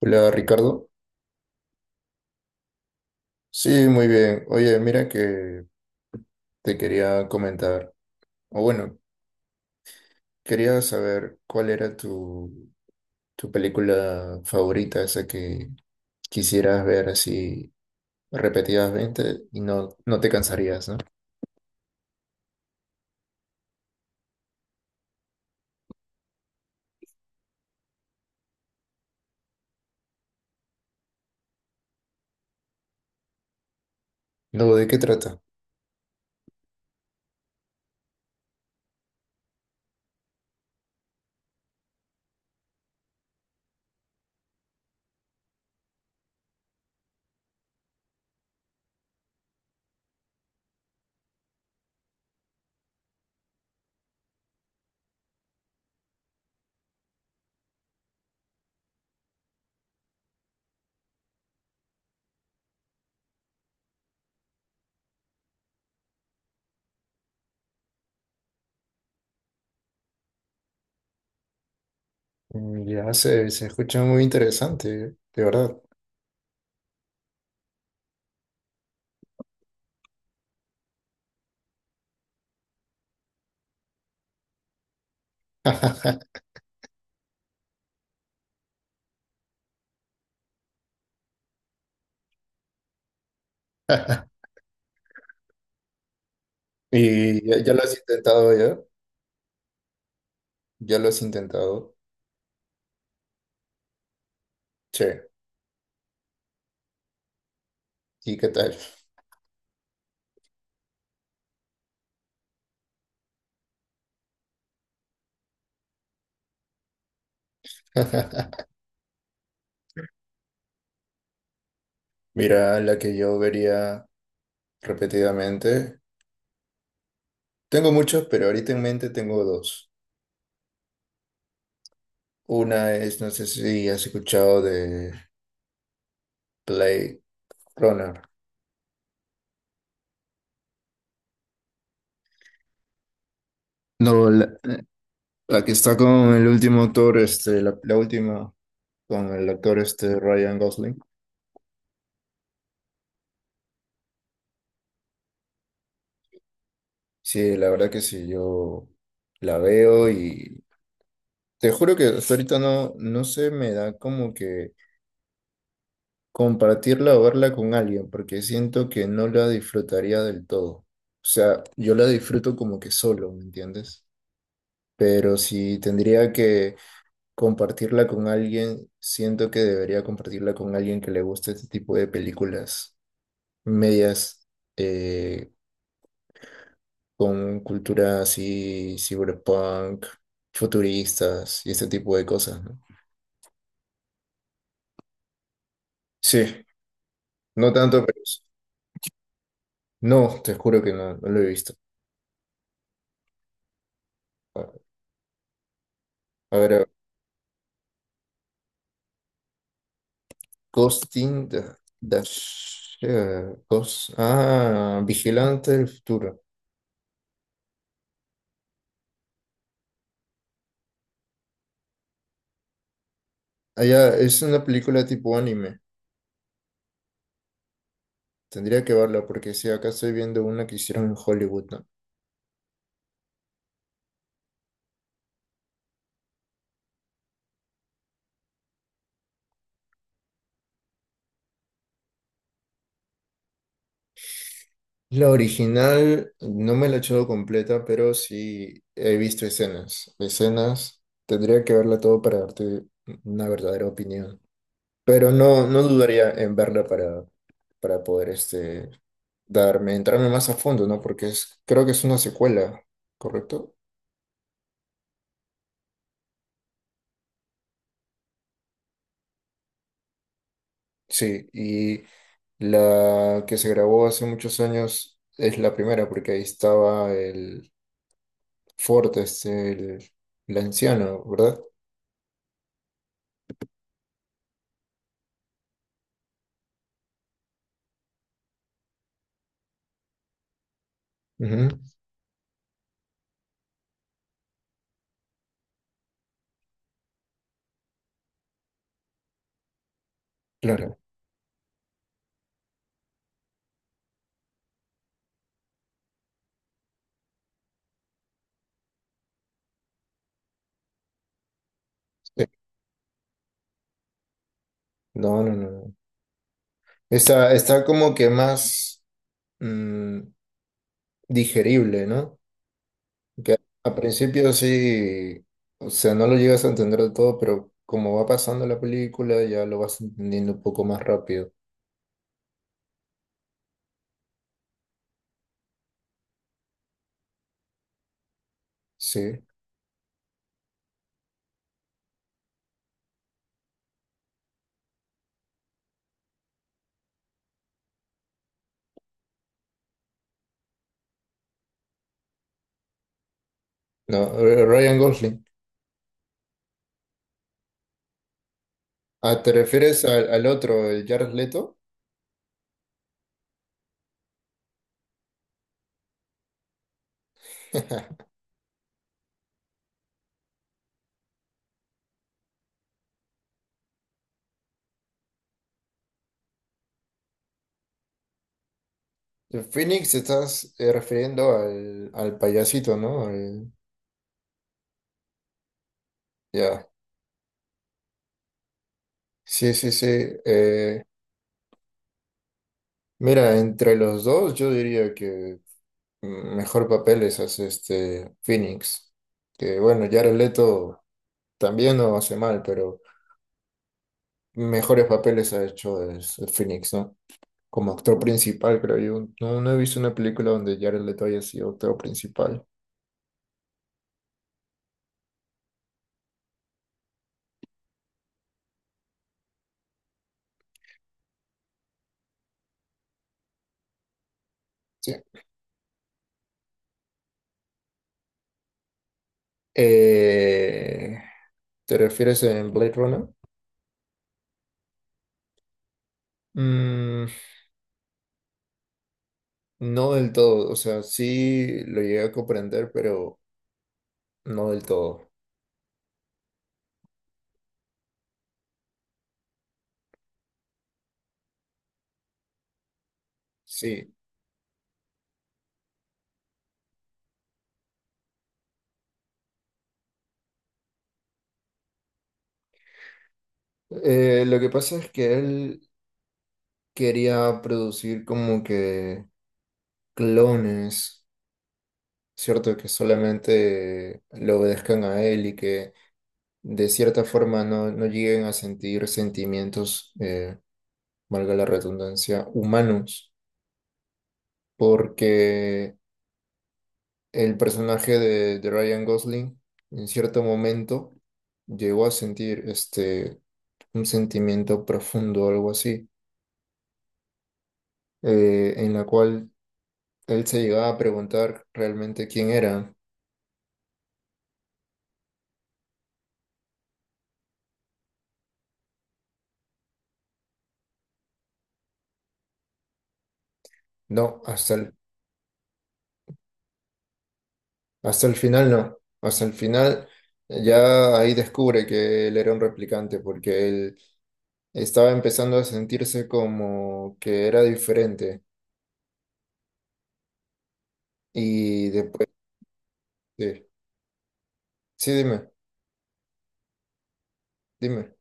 Hola Ricardo. Sí, muy bien. Oye, mira que te quería comentar, o bueno, quería saber cuál era tu película favorita, esa que quisieras ver así repetidamente y no, no te cansarías, ¿no? No, ¿de qué trata? Mm, ya se escucha muy interesante, de verdad. ¿Y ya, ya lo has intentado ya? ¿Ya lo has intentado? Che, ¿y qué tal? Mira, la que yo vería repetidamente. Tengo muchos, pero ahorita en mente tengo dos. Una es, no sé si has escuchado de Blade Runner. No, la que está con el último actor, este, la última, con el actor este Ryan Gosling. Sí, la verdad que sí, yo la veo y te juro que hasta ahorita no, no se me da como que compartirla o verla con alguien, porque siento que no la disfrutaría del todo. O sea, yo la disfruto como que solo, ¿me entiendes? Pero si tendría que compartirla con alguien, siento que debería compartirla con alguien que le guste este tipo de películas medias eh, con cultura así, cyberpunk, futuristas y este tipo de cosas, ¿no? Sí, no tanto, pero sí. No, te juro que no, no lo he visto. A a ver. Costing the, the Shell, Cos- ah, Vigilante del Futuro. Ah, ya, es una película tipo anime. Tendría que verla porque si acá estoy viendo una que hicieron en Hollywood, ¿no? La original no me la he echado completa, pero sí he visto escenas. Escenas, tendría que verla todo para darte una verdadera opinión. Pero no, no dudaría en verla para poder este, darme, entrarme más a fondo, ¿no? Porque es, creo que es una secuela, ¿correcto? Sí, y la que se grabó hace muchos años es la primera, porque ahí estaba el Ford, este, el anciano, ¿verdad? Ujú. Claro. Sí. No, no, no. No. Está, está como que más mm, digerible, ¿no? Que a principio sí, o sea, no lo llegas a entender de todo, pero como va pasando la película, ya lo vas entendiendo un poco más rápido. Sí. No, Ryan Gosling. Ah, ¿te refieres al, al otro, el Jared Leto? El Phoenix, estás refiriendo al, al payasito, ¿no? Al- ya. Sí, sí, sí. Eh, Mira, entre los dos, yo diría que mejor papeles hace este Phoenix. Que bueno, Jared Leto también no hace mal, pero mejores papeles ha hecho el Phoenix, ¿no? Como actor principal, creo yo. No, no he visto una película donde Jared Leto haya sido actor principal. Sí. Eh, ¿te refieres en Blade Runner? Mm, no del todo, o sea, sí lo llegué a comprender, pero no del todo. Sí. Lo que pasa es que él quería producir como que clones, ¿cierto? Que solamente le obedezcan a él y que de cierta forma no, no lleguen a sentir sentimientos, valga la redundancia, humanos. Porque el personaje de Ryan Gosling en cierto momento llegó a sentir este, un sentimiento profundo, algo así, en la cual él se llegaba a preguntar realmente quién era. No, hasta el final no. Hasta el final ya ahí descubre que él era un replicante porque él estaba empezando a sentirse como que era diferente. Y después, sí, sí, dime, dime.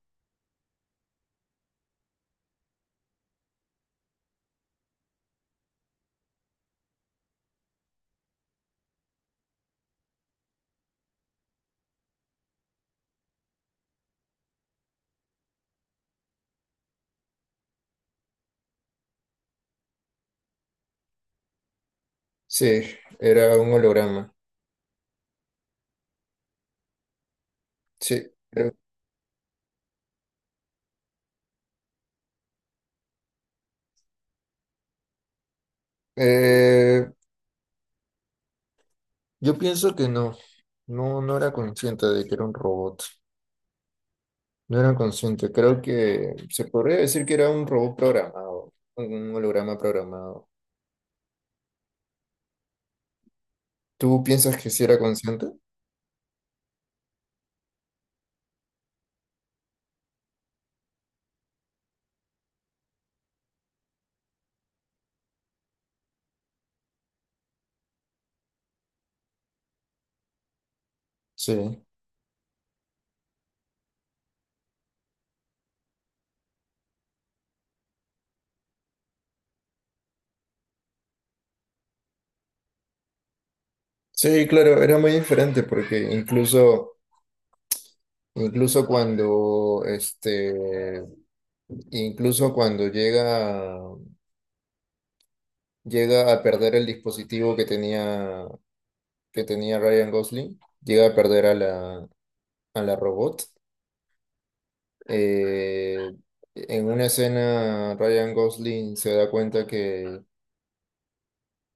Sí, era un holograma. Sí, eh, eh, yo pienso que no, no, no era consciente de que era un robot, no era consciente, creo que se podría decir que era un robot programado, un holograma programado. ¿Tú piensas que sí era consciente? Sí, sí, claro, era muy diferente porque incluso, incluso cuando, este, incluso cuando llega, llega a perder el dispositivo que tenía Ryan Gosling, llega a perder a la robot. Eh, en una escena, Ryan Gosling se da cuenta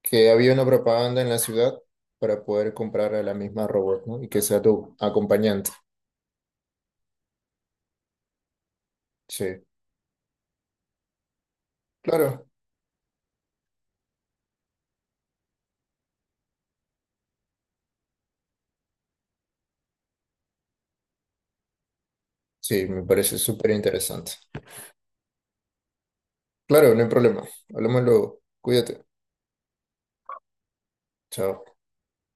que había una propaganda en la ciudad para poder comprar a la misma robot, ¿no? Y que sea tu acompañante. Sí, claro. Sí, me parece súper interesante. Claro, no hay problema. Hablamos luego. Cuídate. Chao.